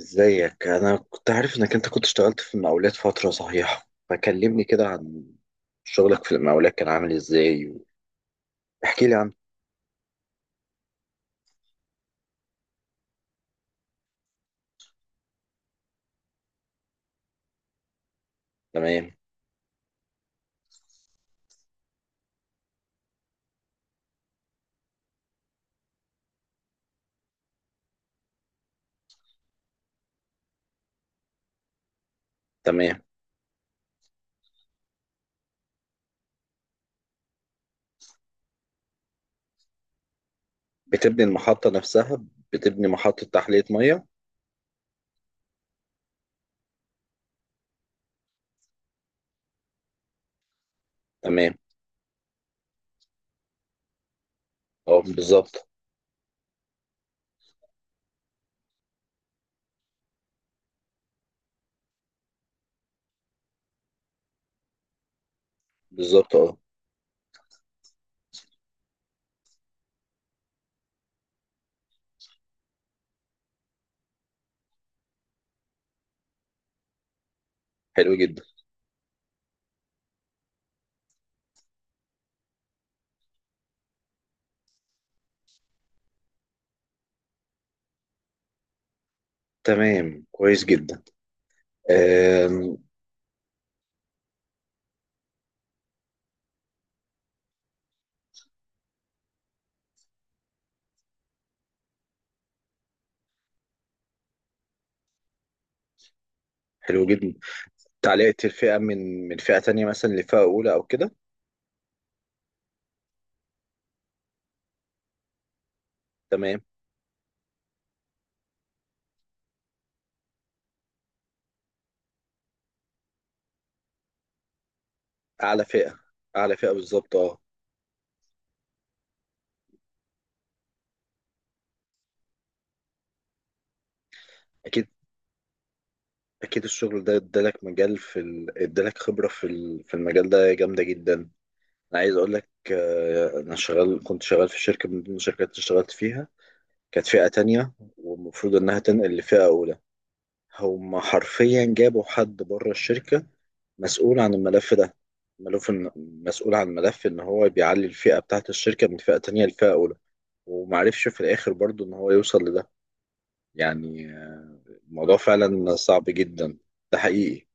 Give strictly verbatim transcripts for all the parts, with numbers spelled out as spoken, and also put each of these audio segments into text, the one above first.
ازيك؟ انا كنت عارف انك انت كنت اشتغلت في المقاولات فترة صحيحة، فكلمني كده عن شغلك في المقاولات كان عامل ازاي. احكي لي عنه. تمام. تمام. بتبني المحطة نفسها؟ بتبني محطة تحلية مية؟ تمام، اه، بالظبط. بالظبط، اه. حلو جدا. تمام، كويس جدا. آم. حلو جدا. تعليقة الفئة من من فئة تانية مثلا لفئة أولى أو كده. تمام. أعلى فئة. أعلى فئة، بالظبط اه. أكيد. اكيد الشغل ده ادالك مجال في ال... ادالك خبره في ال... في المجال ده جامده جدا. انا عايز اقول لك، آه، انا شغال كنت شغال في شركه من ضمن الشركات اللي اشتغلت فيها، كانت فئه تانية والمفروض انها تنقل لفئه اولى. هم حرفيا جابوا حد بره الشركه مسؤول عن الملف ده. ملف إن- مسؤول عن ملف ان هو بيعلي الفئه بتاعت الشركه من فئه تانية لفئه اولى. ومعرفش في الاخر برضو ان هو يوصل لده. يعني آه، الموضوع فعلا صعب جدا. ده حقيقي.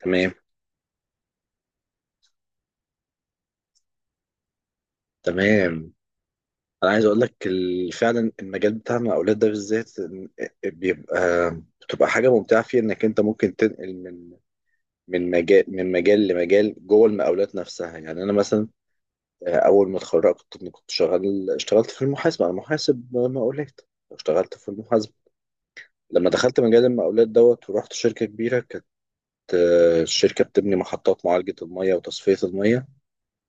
تمام. تمام. انا عايز اقول لك ال- فعلا المجال بتاعنا الاولاد ده بالذات إن- بيبقى بتبقى حاجه ممتعه فيه انك انت ممكن تنقل من من مجال من مجال لمجال جوه المقاولات نفسها. يعني انا مثلا آه، اول ما اتخرجت كنت كنت شغال اشتغلت في المحاسبه. انا محاسب مقاولات، اشتغلت في المحاسبه. لما دخلت مجال المقاولات دوت ورحت شركه كبيره كانت، آه، الشركه بتبني محطات معالجه الميه وتصفيه الميه.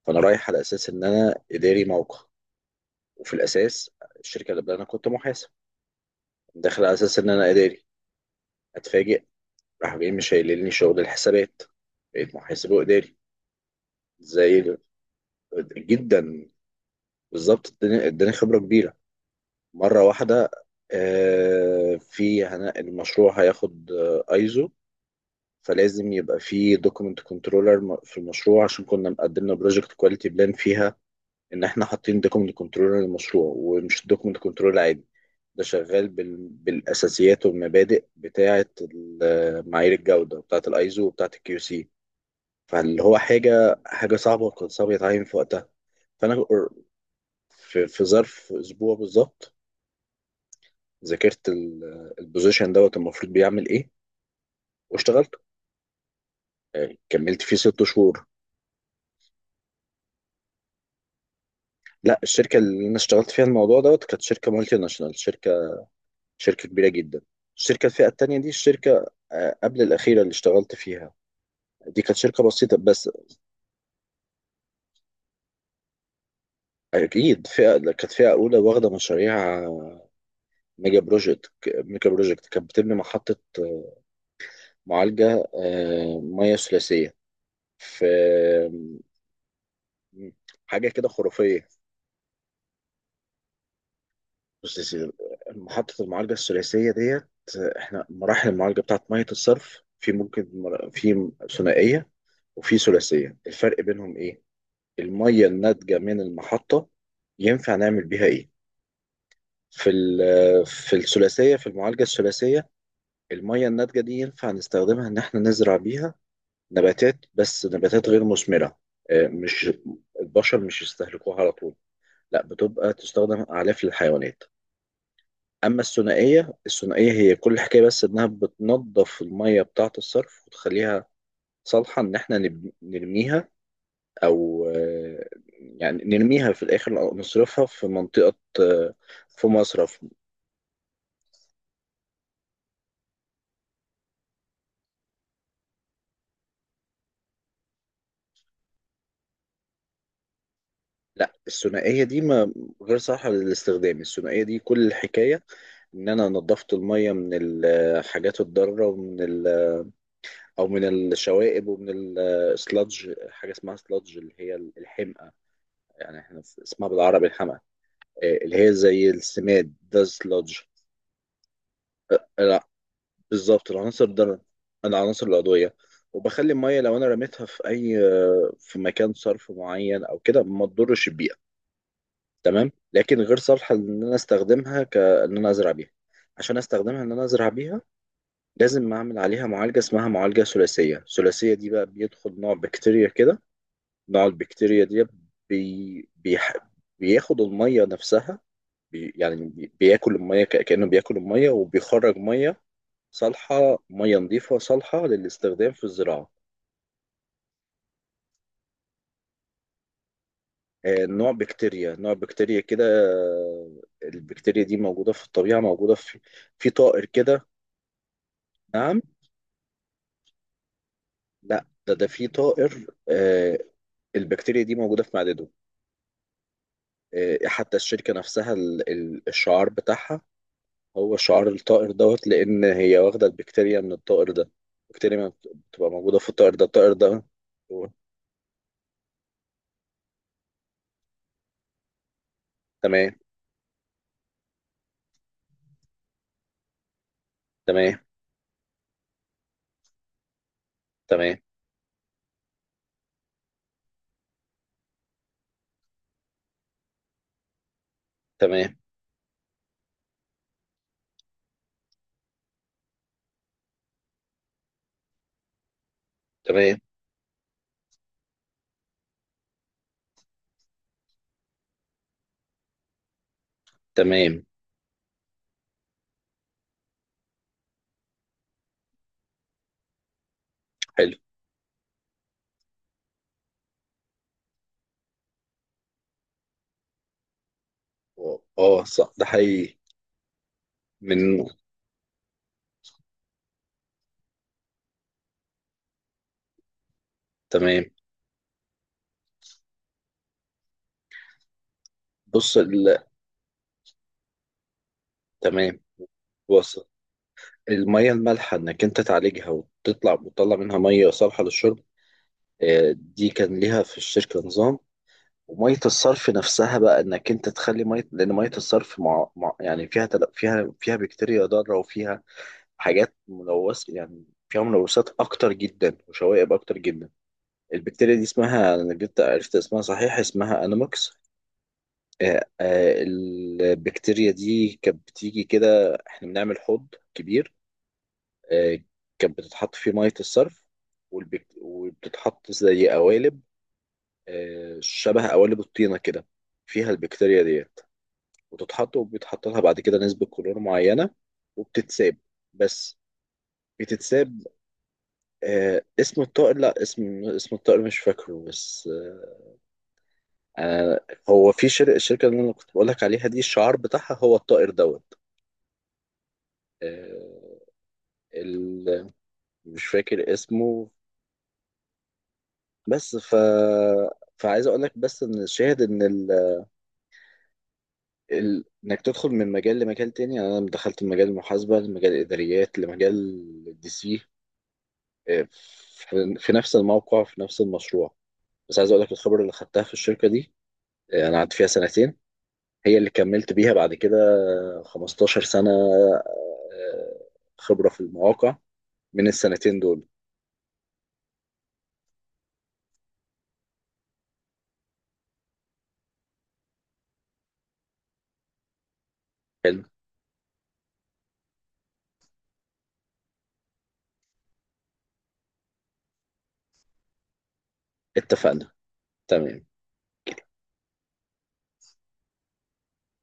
فانا رايح على اساس ان انا اداري موقع، وفي الاساس الشركه اللي قبل انا كنت محاسب، داخل على اساس ان انا اداري. اتفاجئ راح جاي مش هيقللني شغل الحسابات، بقيت محاسب واداري. زي ال- جدا. بالظبط. اداني اداني خبره كبيره مره واحده. آه، في هن- المشروع هياخد آه، ايزو، فلازم يبقى في دوكيمنت كنترولر في المشروع، عشان كنا مقدمنا بروجكت كواليتي بلان فيها ان احنا حاطين دوكمنت كنترول للمشروع، ومش دوكمنت كنترول عادي. ده شغال بال... بالاساسيات والمبادئ بتاعه ال- معايير الجوده بتاعه الايزو وبتاعه الكيو سي. فاللي هو حاجه حاجه صعبه، وكان صعب يتعين في وقتها. فانا في, في ظرف اسبوع بالظبط ذاكرت ال- البوزيشن دوت المفروض بيعمل ايه واشتغلته. يعني كملت فيه ست شهور. لا، الشركه اللي انا اشتغلت فيها الموضوع دوت كانت شركه مالتي ناشونال، شركه شركة كبيرة جدا. الشركة الفئة التانية دي الشركة آه، قبل الأخيرة اللي اشتغلت فيها، دي كانت شركة بسيطة بس. أكيد فئة كانت فئة أولى، واخدة مشاريع آه، ميجا بروجكت ميجا بروجكت. كانت بتبني محطة، آه، معالجة آه، مياه ثلاثية. في آه، حاجة كده خرافية. بص يا سيدي، محطة المعالجة الثلاثية ديت، آه، احنا مراحل المعالجة بتاعت مية الصرف في ممكن مر- في ثنائية وفي ثلاثية. الفرق بينهم ايه؟ المية الناتجة من المحطة ينفع نعمل بيها إيه؟ في ال- في الثلاثية، في المعالجة الثلاثية، المية الناتجة دي ينفع نستخدمها إن إحنا نزرع بيها نباتات، بس نباتات غير مثمرة. آه، مش البشر مش يستهلكوها على طول، لا، بتبقى تستخدم أعلاف للحيوانات. أما الثنائية الثنائية هي كل حكاية بس إنها بتنظف المية بتاعة الصرف وتخليها صالحة إن إحنا نب- نرميها، او آه، يعني نرميها في الاخر او نصرفها في منطقه، آه، في مصرف. لا، الثنائيه دي ما غير صالحه للاستخدام. الثنائيه دي كل الحكايه ان انا نظفت الميه من الحاجات الضاره ومن ال او من الشوائب ومن السلادج، حاجه اسمها سلادج اللي هي الحمأة. يعني احنا اسمها بالعربي الحمأة. آه، اللي هي زي السماد ده السلادج. بالظبط، العناصر ده العناصر العضوية. وبخلي المية لو أنا رميتها في أي في مكان صرف معين أو كده ما تضرش البيئة. تمام. لكن غير صالحة إن أنا أستخدمها كإن أنا أزرع بيها. عشان أستخدمها إن أنا أزرع بيها لازم أعمل عليها معالجة اسمها معالجة ثلاثية. الثلاثية دي بقى بيدخل نوع بكتيريا كده. نوع البكتيريا دي بي... بيح... بياخد المية نفسها، بي... يعني بي... بياكل المية، ك... كأنه بياكل المية وبيخرج مية صالحة، مية نظيفة صالحة للاستخدام في الزراعة. آه، نوع بكتيريا نوع بكتيريا كده. آه، البكتيريا دي موجودة في الطبيعة، موجودة في في طائر كده. نعم. لا، ده ده في طائر، آه، البكتيريا دي موجودة في معدته. آه، حتى الشركة نفسها ال- ال- الشعار بتاعها هو شعار الطائر دوت، لأن هي واخدة البكتيريا من الطائر ده. البكتيريا ما بت- بتبقى موجودة في الطائر ده الطائر ده. تمام. تمام. تمام. تمام. تمام. تمام. حلو. اه صح ده حقيقي. من. تمام. بص ال... تمام. وصل المية المالحة انك انت تعالجها وتطلع وتطلع منها مية صالحة للشرب. آه، دي كان ليها في الشركة نظام. ومية الصرف نفسها بقى انك انت تخلي مية، لان مية الصرف مع... مع... يعني فيها تل... فيها فيها بكتيريا ضارة وفيها حاجات ملوثة، يعني فيها ملوثات اكتر جدا وشوائب اكتر جدا. البكتيريا دي اسمها انا جبت عرفت اسمها صحيح، اسمها انوموكس. آه، آه، البكتيريا دي كانت بتيجي كده. احنا بنعمل حوض كبير، آه، كانت بتتحط فيه مية الصرف، والبك... وبتتحط زي قوالب، آه، شبه قوالب الطينة كده، فيها البكتيريا ديت. وتتحط وبيتحط لها بعد كده نسبة كلور معينة وبتتساب، بس بتتساب. آه، اسم الطائر، لا اسم اسم الطائر مش فاكره. بس آه، أنا- هو في شر... الشركة اللي انا كنت بقولك عليها دي الشعار بتاعها هو الطائر دوت. آه، ال- مش فاكر اسمه. بس ف فعايز اقول لك بس ان الشاهد ان ال... ال... انك تدخل من مجال لمجال تاني. يعني انا دخلت من مجال المحاسبه لمجال الاداريات لمجال الدي سي، إيه، في في نفس الموقع في نفس المشروع. بس عايز اقول لك الخبره اللي خدتها في الشركه دي، إيه، انا قعدت فيها سنتين هي اللي كملت بيها بعد كده خمستاشر سنه آه، خبره في المواقع من السنتين دول. حلو. اتفقنا. تمام.